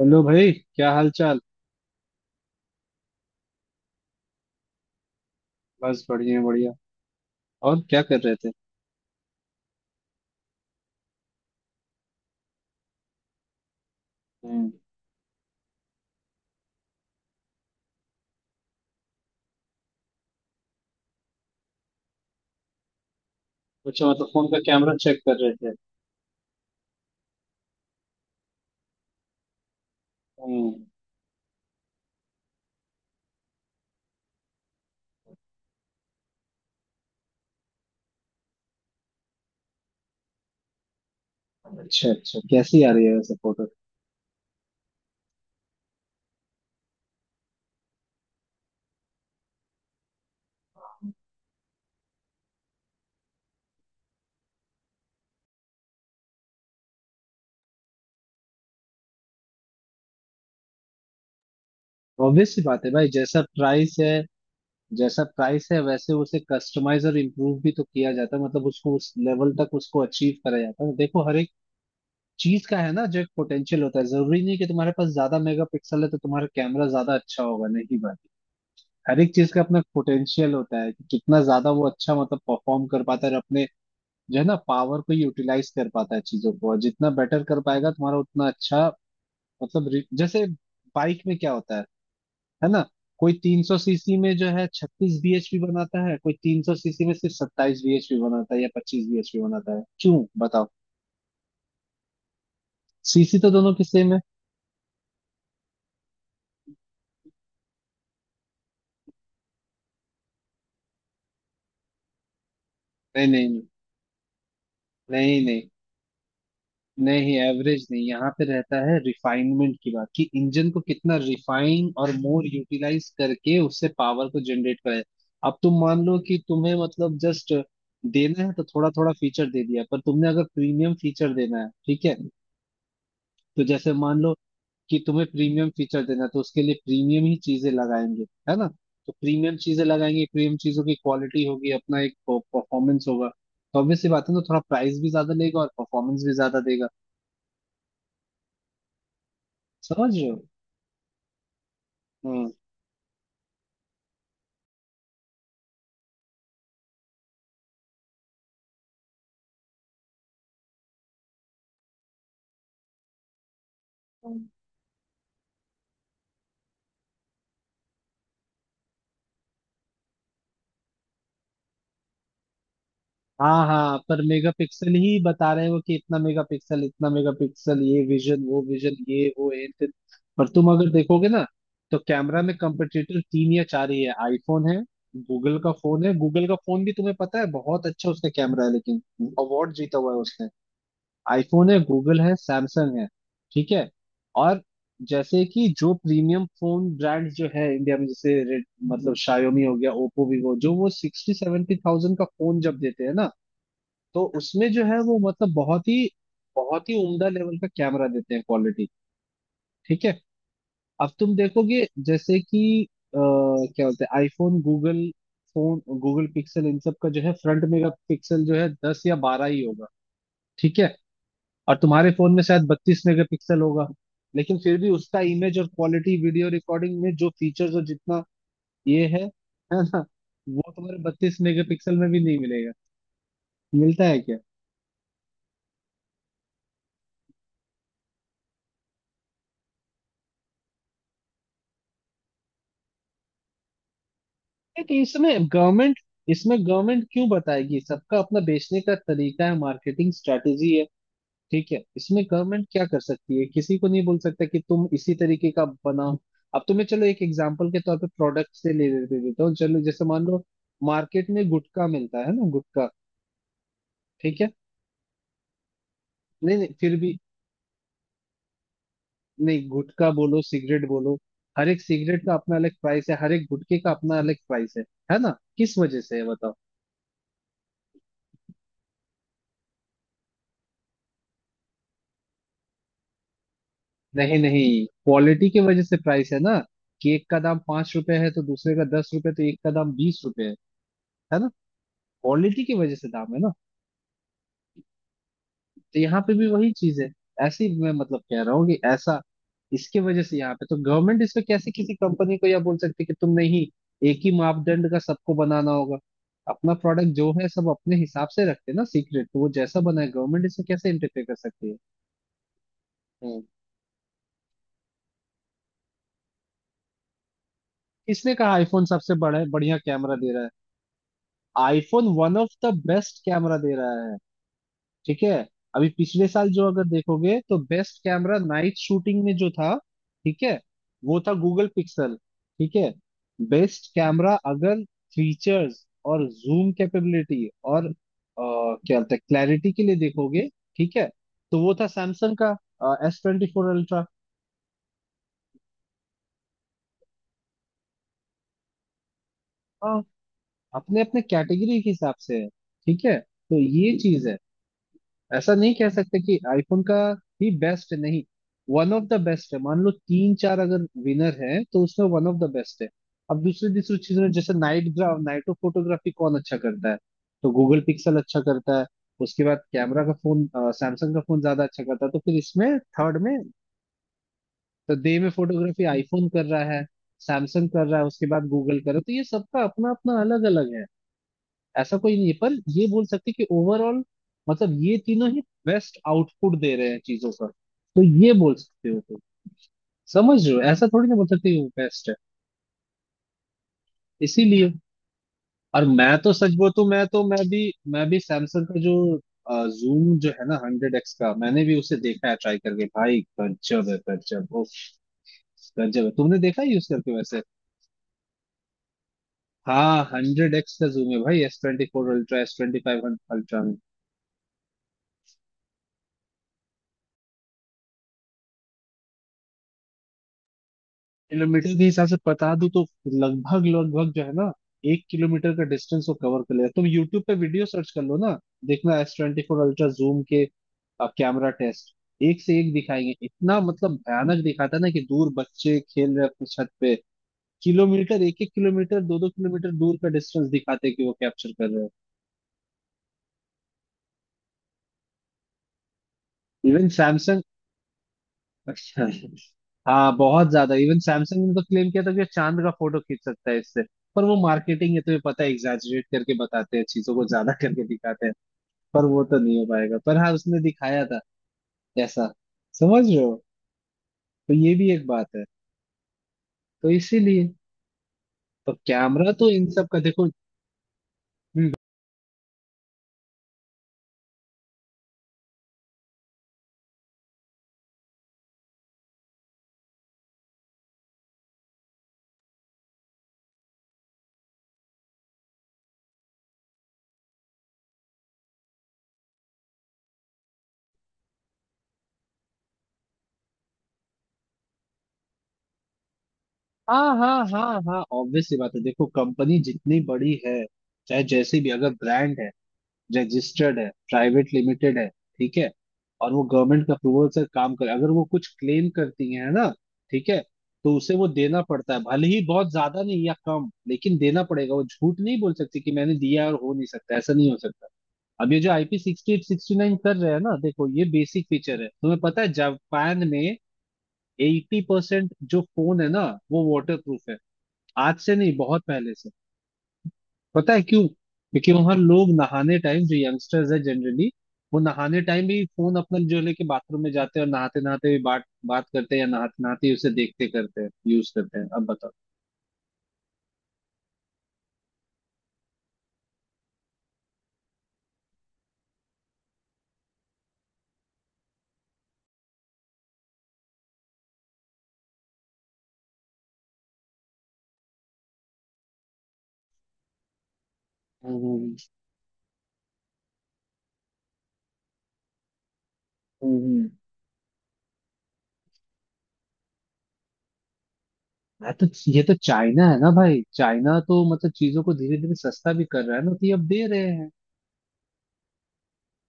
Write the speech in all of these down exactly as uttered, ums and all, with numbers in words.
Hello भाई क्या हाल चाल। बस बढ़िया बढ़िया। और क्या कर रहे थे। हम्म। कुछ मतलब फोन का कैमरा चेक कर रहे थे। हम्म। अच्छा अच्छा, कैसी आ रही है वैसे फोटो। ऑब्वियस सी बात है भाई, जैसा प्राइस है। जैसा प्राइस है वैसे उसे कस्टमाइज और इम्प्रूव भी तो किया जाता है, मतलब उसको उस लेवल तक उसको अचीव करा जाता है। देखो, हर एक चीज का है ना, जो एक पोटेंशियल होता है। जरूरी नहीं कि तुम्हारे पास ज्यादा मेगापिक्सल है तो तुम्हारा कैमरा ज्यादा अच्छा होगा, नहीं भाई। हर एक चीज का अपना पोटेंशियल होता है कि कितना ज्यादा वो अच्छा मतलब परफॉर्म कर पाता है और अपने जो है ना पावर को यूटिलाइज कर पाता है चीजों को, और जितना बेटर कर पाएगा तुम्हारा उतना अच्छा। मतलब रि- जैसे बाइक में क्या होता है है ना। कोई तीन सौ सीसी में जो है छत्तीस bhp बनाता है, कोई तीन सौ सीसी में सिर्फ सत्ताईस bhp बनाता है या पच्चीस bhp बनाता है, क्यों बताओ। सीसी तो दोनों की सेम है। नहीं नहीं, नहीं नहीं, नहीं नहीं। एवरेज नहीं, यहाँ पे रहता है रिफाइनमेंट की बात, कि इंजन को कितना रिफाइन और मोर यूटिलाइज करके उससे पावर को जनरेट करें। अब तुम मान लो कि तुम्हें मतलब जस्ट देना है तो थोड़ा थोड़ा फीचर दे दिया, पर तुमने अगर प्रीमियम फीचर देना है, ठीक है। तो जैसे मान लो कि तुम्हें प्रीमियम फीचर देना है तो उसके लिए प्रीमियम ही चीजें लगाएंगे, है ना। तो प्रीमियम चीजें लगाएंगे, प्रीमियम चीजों की क्वालिटी होगी, अपना एक परफॉर्मेंस होगा। तो ऑब्वियस सी बात है ना, थोड़ा प्राइस भी ज्यादा लेगा और परफॉर्मेंस भी ज्यादा देगा। समझ रहे हो। हम्म। हाँ हाँ, पर मेगापिक्सल ही बता रहे हो कि इतना मेगापिक्सल इतना मेगापिक्सल, ये विजन वो विजन, ये वो ये फिर। पर तुम अगर देखोगे ना, तो कैमरा में कंपटीटर तीन या चार ही है। आईफोन है, गूगल का फोन है। गूगल का फोन भी तुम्हें पता है बहुत अच्छा उसका कैमरा है, लेकिन अवार्ड जीता हुआ है उसने। आईफोन है, गूगल है, सैमसंग है, ठीक है। और जैसे कि जो प्रीमियम फोन ब्रांड जो है इंडिया में, जैसे रेड मतलब शायोमी हो गया, ओप्पो, वीवो, जो वो सिक्सटी सेवेंटी थाउजेंड का फोन जब देते हैं ना, तो उसमें जो है वो मतलब बहुत ही बहुत ही उम्दा लेवल का कैमरा देते हैं, क्वालिटी, ठीक है। अब तुम देखोगे, जैसे कि अ, क्या बोलते हैं, iPhone, Google phone, Google Pixel, इन सब का जो है फ्रंट मेगा पिक्सल जो है दस या बारह ही होगा, ठीक है। और तुम्हारे फोन में शायद बत्तीस मेगापिक्सल होगा, लेकिन फिर भी उसका इमेज और क्वालिटी, वीडियो रिकॉर्डिंग में जो फीचर्स और जितना ये है है ना, वो तुम्हारे बत्तीस मेगापिक्सल में भी नहीं मिलेगा। मिलता है क्या। एक इसमें गवर्नमेंट, इसमें गवर्नमेंट क्यों बताएगी, सबका अपना बेचने का तरीका है, मार्केटिंग स्ट्रेटेजी है, ठीक है। इसमें गवर्नमेंट क्या कर सकती है, किसी को नहीं बोल सकता कि तुम इसी तरीके का बनाओ। अब तुम्हें चलो एक एग्जांपल के तौर पे प्रोडक्ट से ले लेते देता हूँ, चलो जैसे मान लो मार्केट में गुटखा मिलता है ना, गुटखा, ठीक है। नहीं नहीं, फिर भी, नहीं गुटखा बोलो सिगरेट बोलो, हर एक सिगरेट का अपना अलग प्राइस है, हर एक गुटखे का अपना अलग प्राइस है। है ना, किस वजह से है बताओ। नहीं नहीं, क्वालिटी की वजह से प्राइस है ना, कि एक का दाम पांच रुपए है तो दूसरे का दस रुपए, तो एक का दाम बीस रुपए है है ना। क्वालिटी की वजह से दाम है ना। तो यहाँ पे भी वही चीज है, ऐसी मैं मतलब कह रहा हूँ कि ऐसा इसके वजह से यहाँ पे तो गवर्नमेंट इस पे कैसे किसी कंपनी को यह बोल सकती है कि तुम नहीं, एक ही मापदंड का सबको बनाना होगा। अपना प्रोडक्ट जो है सब अपने हिसाब से रखते हैं ना, सीक्रेट, तो वो जैसा बना है गवर्नमेंट इसमें कैसे इंटरफेयर कर सकती है। हम्म। किसने कहा आईफोन सबसे बड़ा है, बढ़िया कैमरा दे रहा है। IPhone one of the best camera दे रहा है, ठीक है। अभी पिछले साल जो अगर देखोगे, तो बेस्ट कैमरा नाइट शूटिंग में जो था, ठीक है, वो था गूगल पिक्सल, ठीक है। बेस्ट कैमरा अगर फीचर्स और जूम कैपेबिलिटी और अ, क्या बोलते हैं, क्लैरिटी के लिए देखोगे, ठीक है, तो वो था सैमसंग का एस ट्वेंटी फोर अल्ट्रा। हाँ, अपने अपने कैटेगरी के हिसाब से है, ठीक है, तो ये चीज है। ऐसा नहीं कह सकते कि आईफोन का ही बेस्ट है, नहीं, वन ऑफ द बेस्ट है, मान लो तीन चार अगर विनर है तो उसमें वन ऑफ द बेस्ट है। अब दूसरी दूसरी चीजों में, जैसे नाइट ग्राफ नाइटो फोटोग्राफी कौन अच्छा करता है, तो गूगल पिक्सल अच्छा करता है। उसके बाद कैमरा का फोन सैमसंग का फोन ज्यादा अच्छा करता है, तो फिर इसमें थर्ड में, तो डे में फोटोग्राफी आईफोन कर रहा है, सैमसंग कर रहा है, उसके बाद गूगल कर रहा है, तो ये सबका अपना अपना अलग अलग है। ऐसा कोई नहीं है, पर ये बोल सकते कि ओवरऑल मतलब ये तीनों ही बेस्ट आउटपुट दे रहे हैं चीजों का, तो ये बोल सकते हो तुम। समझ रहे हो, ऐसा थोड़ी ना बोल सकते कि वो बेस्ट है, इसीलिए। और मैं तो सच बोलूं तो मैं तो मैं भी मैं भी सैमसंग का जो जूम जो है ना, हंड्रेड एक्स का, मैंने भी उसे देखा है ट्राई करके, भाई गजब है, गजब ओ, गजब है। तुमने देखा है यूज करके वैसे। हाँ, हंड्रेड एक्स का जूम है भाई, S twenty four ultra, S twenty five ultra. Kilometre के हिसाब से बता दूं तो लगभग लगभग जो है ना, एक किलोमीटर का डिस्टेंस वो कवर कर लेगा। तुम यूट्यूब पे वीडियो सर्च कर लो ना, देखना S twenty four ultra zoom के कैमरा टेस्ट। एक से एक दिखाएंगे, इतना मतलब भयानक दिखाता है ना, कि दूर बच्चे खेल रहे हैं अपनी छत पे, किलोमीटर, एक एक किलोमीटर, दो दो किलोमीटर दूर का डिस्टेंस दिखाते हैं कि वो कैप्चर कर रहे हैं। इवन सैमसंग अच्छा, हाँ बहुत ज्यादा, इवन सैमसंग ने तो क्लेम किया था कि चांद का फोटो खींच सकता है इससे, पर वो मार्केटिंग है तुम्हें पता है, एग्जैजरेट करके बताते हैं चीजों को ज्यादा करके दिखाते हैं। पर वो तो नहीं हो पाएगा, पर हाँ उसने दिखाया था ऐसा। समझ रहे हो, तो ये भी एक बात है, तो इसीलिए। तो कैमरा तो इन सब का देखो। हम्म। हाँ हाँ हाँ हाँ, ऑब्वियस सी बात है, देखो कंपनी जितनी बड़ी है, चाहे जैसी भी अगर ब्रांड है, रजिस्टर्ड है, प्राइवेट लिमिटेड है, ठीक है, और वो गवर्नमेंट के अप्रूवल से काम करे, अगर वो कुछ क्लेम करती है ना, ठीक है, तो उसे वो देना पड़ता है, भले ही बहुत ज्यादा नहीं या कम, लेकिन देना पड़ेगा। वो झूठ नहीं बोल सकती कि मैंने दिया और हो नहीं सकता, ऐसा नहीं हो सकता। अब ये जो IP sixty eight sixty nine कर रहे हैं ना, देखो ये बेसिक फीचर है, तुम्हें पता है जापान में एट्टी परसेंट जो फोन है ना वो वाटर प्रूफ है, आज से नहीं, बहुत पहले से। पता है क्यों, क्योंकि वहां लोग नहाने टाइम, जो यंगस्टर्स है जनरली, वो नहाने टाइम भी फोन अपना जो लेके बाथरूम में जाते हैं और नहाते नहाते भी बात बात करते हैं या नहाते नहाते ही उसे देखते करते हैं यूज करते हैं, अब बताओ। हम्म हम्म। मैं तो ये तो, चाइना है ना भाई, चाइना तो मतलब चीजों को धीरे धीरे सस्ता भी कर रहा है ना, तो ये अब दे रहे हैं,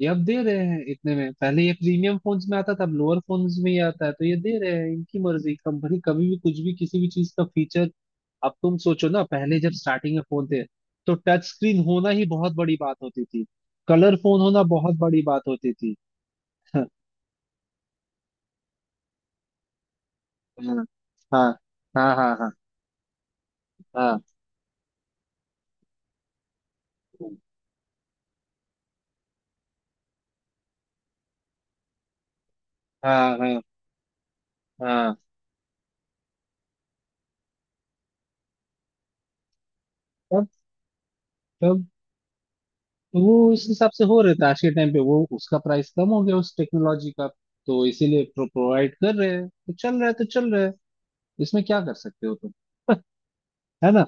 ये अब दे रहे हैं, इतने में पहले ये प्रीमियम फोन्स में आता था, अब लोअर फोन्स में ही आता है तो ये दे रहे हैं, इनकी मर्जी, कंपनी कभी भी कुछ भी किसी भी चीज का फीचर। अब तुम सोचो ना, पहले जब स्टार्टिंग में फोन थे, तो टच स्क्रीन होना ही बहुत बड़ी बात होती थी, कलर फोन होना बहुत बड़ी बात होती थी। हाँ हाँ हाँ, हाँ हाँ हाँ, हाँ हाँ हाँ। तब तब तो वो उस हिसाब से हो रहे थे, आज के टाइम पे वो उसका प्राइस कम हो गया उस टेक्नोलॉजी का, तो इसीलिए प्रोवाइड कर रहे हैं, तो चल रहा है तो चल रहा है, इसमें क्या कर सकते हो तुम। है ना।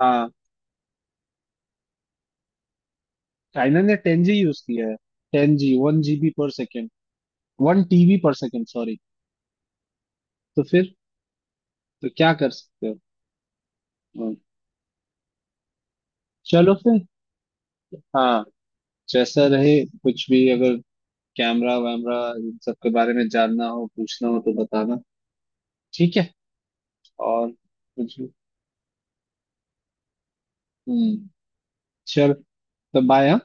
हाँ। चाइना ने टेन जी यूज किया है। टेन जी, वन जीबी पर सेकेंड, वन टीबी पर सेकेंड सॉरी। तो फिर, तो क्या कर सकते हो। हाँ। चलो फिर। हाँ जैसा रहे, कुछ भी अगर कैमरा वैमरा इन सब के बारे में जानना हो पूछना हो तो बताना, ठीक है। और कुछ भी। हम्म। चलो, तो बाय।